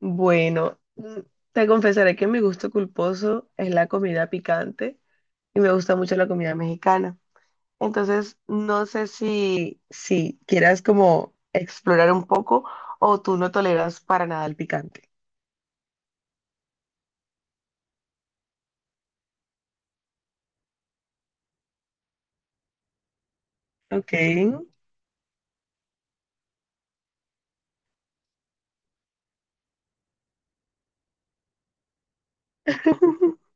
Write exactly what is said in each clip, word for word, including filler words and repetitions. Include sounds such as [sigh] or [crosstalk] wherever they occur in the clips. Bueno, mm, te confesaré que mi gusto culposo es la comida picante y me gusta mucho la comida mexicana. Entonces, no sé si, si quieras como explorar un poco o tú no toleras para nada el picante. Ok. [laughs]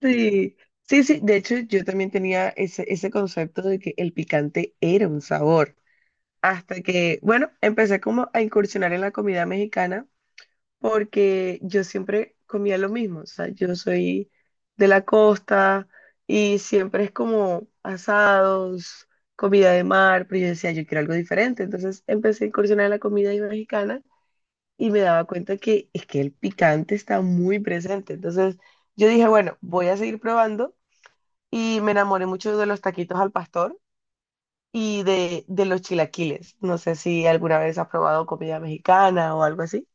Sí, sí, sí. De hecho, yo también tenía ese, ese concepto de que el picante era un sabor. Hasta que, bueno, empecé como a incursionar en la comida mexicana porque yo siempre comía lo mismo, o sea, yo soy de la costa y siempre es como asados, comida de mar, pero yo decía, yo quiero algo diferente, entonces empecé a incursionar en la comida mexicana y me daba cuenta que es que el picante está muy presente, entonces yo dije, bueno, voy a seguir probando y me enamoré mucho de los taquitos al pastor. Y de, de los chilaquiles. No sé si alguna vez has probado comida mexicana o algo así.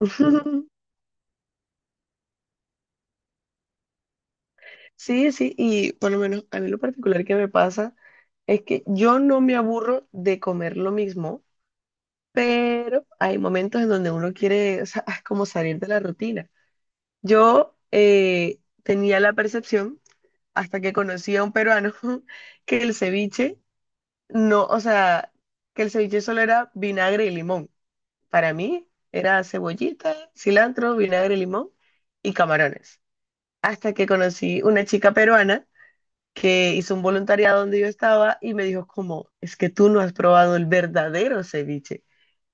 [laughs] Sí, sí, y por lo menos a mí lo particular que me pasa es que yo no me aburro de comer lo mismo, pero hay momentos en donde uno quiere, o sea, [laughs] como salir de la rutina. Yo eh, tenía la percepción, hasta que conocí a un peruano, [laughs] que el ceviche no, o sea, que el ceviche solo era vinagre y limón. Para mí era cebollita, cilantro, vinagre, limón y camarones. Hasta que conocí una chica peruana que hizo un voluntariado donde yo estaba y me dijo como, es que tú no has probado el verdadero ceviche.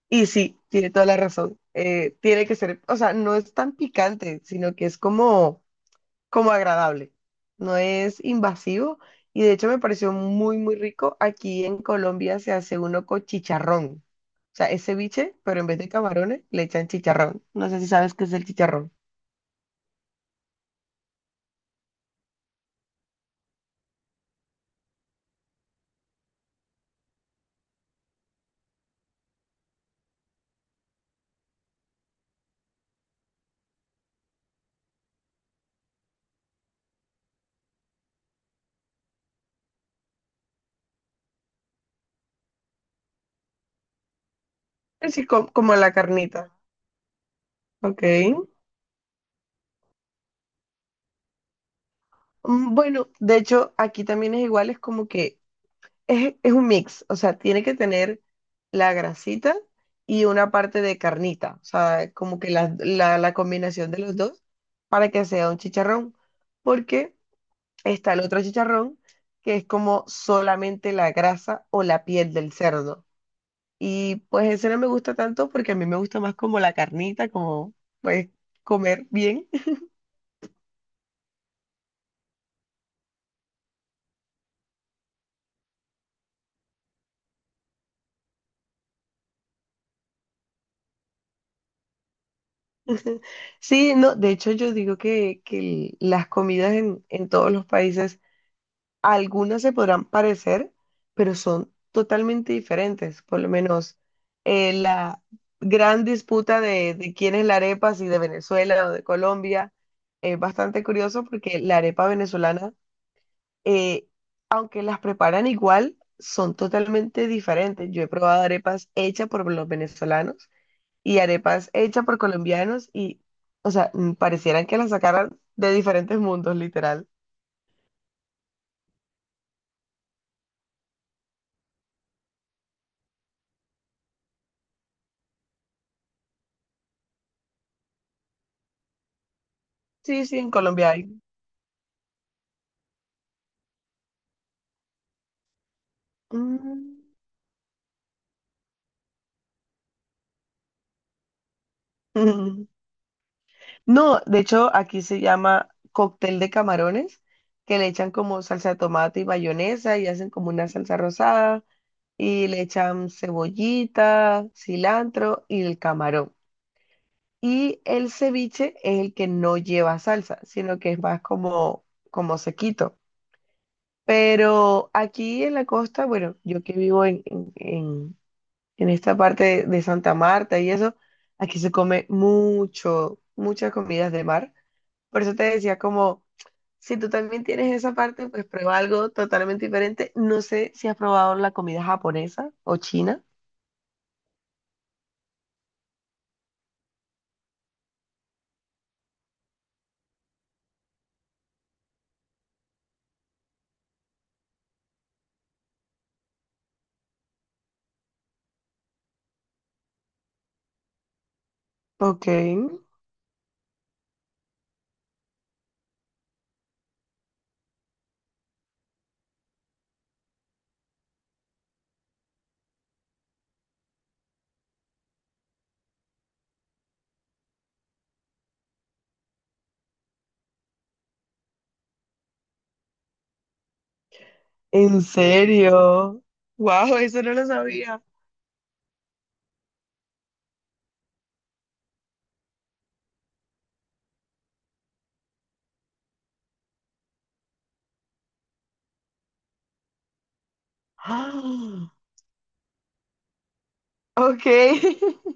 Y sí, tiene toda la razón. Eh, tiene que ser, o sea, no es tan picante, sino que es como, como agradable. No es invasivo y de hecho me pareció muy, muy rico. Aquí en Colombia se hace uno con chicharrón. O sea, es ceviche, pero en vez de camarones le echan chicharrón. No sé si sabes qué es el chicharrón. Es así como, como la carnita. Ok. Mm, Bueno, de hecho, aquí también es igual, es como que es, es un mix, o sea, tiene que tener la grasita y una parte de carnita, o sea, como que la, la, la combinación de los dos para que sea un chicharrón, porque está el otro chicharrón que es como solamente la grasa o la piel del cerdo. Y pues ese no me gusta tanto porque a mí me gusta más como la carnita, como pues comer bien. Sí, no, de hecho yo digo que, que el- las comidas en, en todos los países, algunas se podrán parecer, pero son totalmente diferentes. Por lo menos eh, la gran disputa de, de quién es la arepa, si de Venezuela o de Colombia, es bastante curioso porque la arepa venezolana, eh, aunque las preparan igual, son totalmente diferentes. Yo he probado arepas hechas por los venezolanos y arepas hechas por colombianos y, o sea, mm, parecieran que las sacaran de diferentes mundos, literal. Sí, sí, en Colombia hay. Mm. [laughs] No, de hecho, aquí se llama cóctel de camarones, que le echan como salsa de tomate y mayonesa y hacen como una salsa rosada y le echan cebollita, cilantro y el camarón. Y el ceviche es el que no lleva salsa, sino que es más como, como sequito. Pero aquí en la costa, bueno, yo que vivo en, en, en- en esta parte de Santa Marta y eso, aquí se come mucho, muchas comidas de mar. Por eso te decía como, si tú también tienes esa parte, pues prueba algo totalmente diferente. No sé si has probado la comida japonesa o china. Ok. ¿En serio? Wow, eso no lo sabía. [gasps] Ah, ok. [laughs]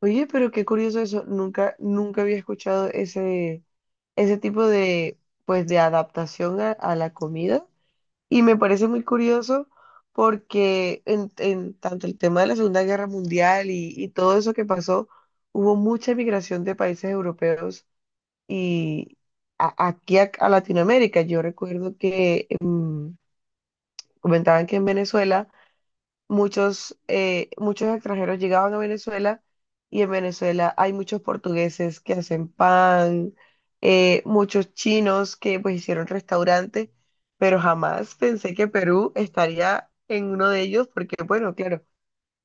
Oye, pero qué curioso eso. Nunca, nunca había escuchado ese, ese tipo de, pues, de adaptación a, a la comida. Y me parece muy curioso porque en, en tanto el tema de la Segunda Guerra Mundial y, y todo eso que pasó, hubo mucha migración de países europeos y a- aquí a, a Latinoamérica. Yo recuerdo que em, comentaban que en Venezuela muchos, eh, muchos extranjeros llegaban a Venezuela y en Venezuela hay muchos portugueses que hacen pan, eh, muchos chinos que pues hicieron restaurantes, pero jamás pensé que Perú estaría en uno de ellos porque, bueno, claro.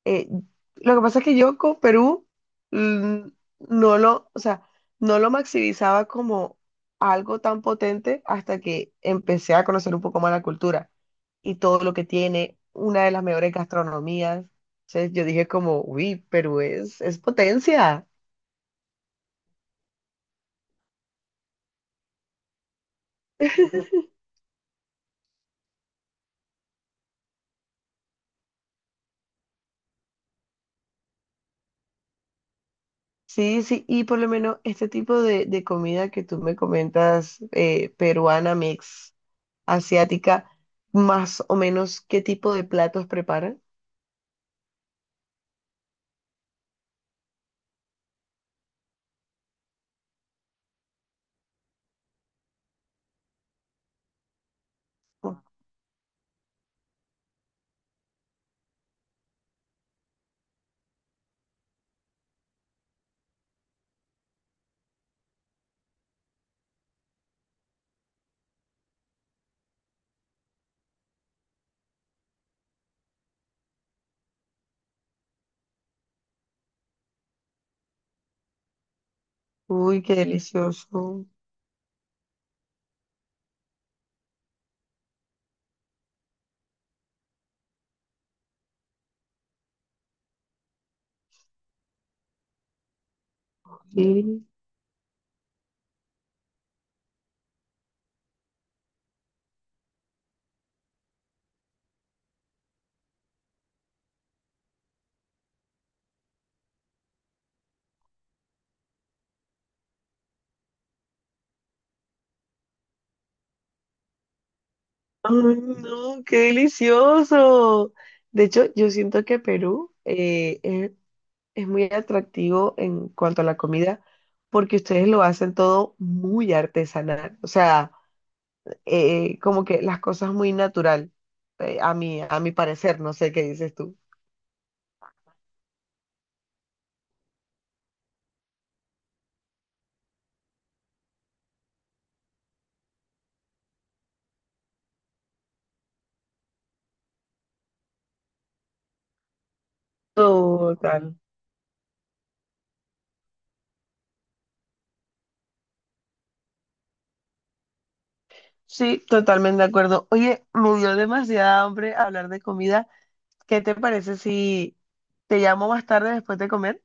Eh, lo que pasa es que yo con Perú mm, no lo, o sea, no lo maximizaba como algo tan potente hasta que empecé a conocer un poco más la cultura y todo lo que tiene, una de las mejores gastronomías. Entonces yo dije como, uy, Perú es, es potencia. Sí, sí, y por lo menos este tipo de, de comida que tú me comentas, eh, peruana, mix, asiática, más o menos, ¿qué tipo de platos preparan? Uy, qué delicioso. Sí. Ay, no, qué delicioso. De hecho, yo siento que Perú eh, es, es muy atractivo en cuanto a la comida porque ustedes lo hacen todo muy artesanal. O sea, eh, como que las cosas muy natural, eh, a mí, a mi parecer, no sé qué dices tú. Total. Sí, totalmente de acuerdo. Oye, me dio demasiada hambre hablar de comida. ¿Qué te parece si te llamo más tarde después de comer?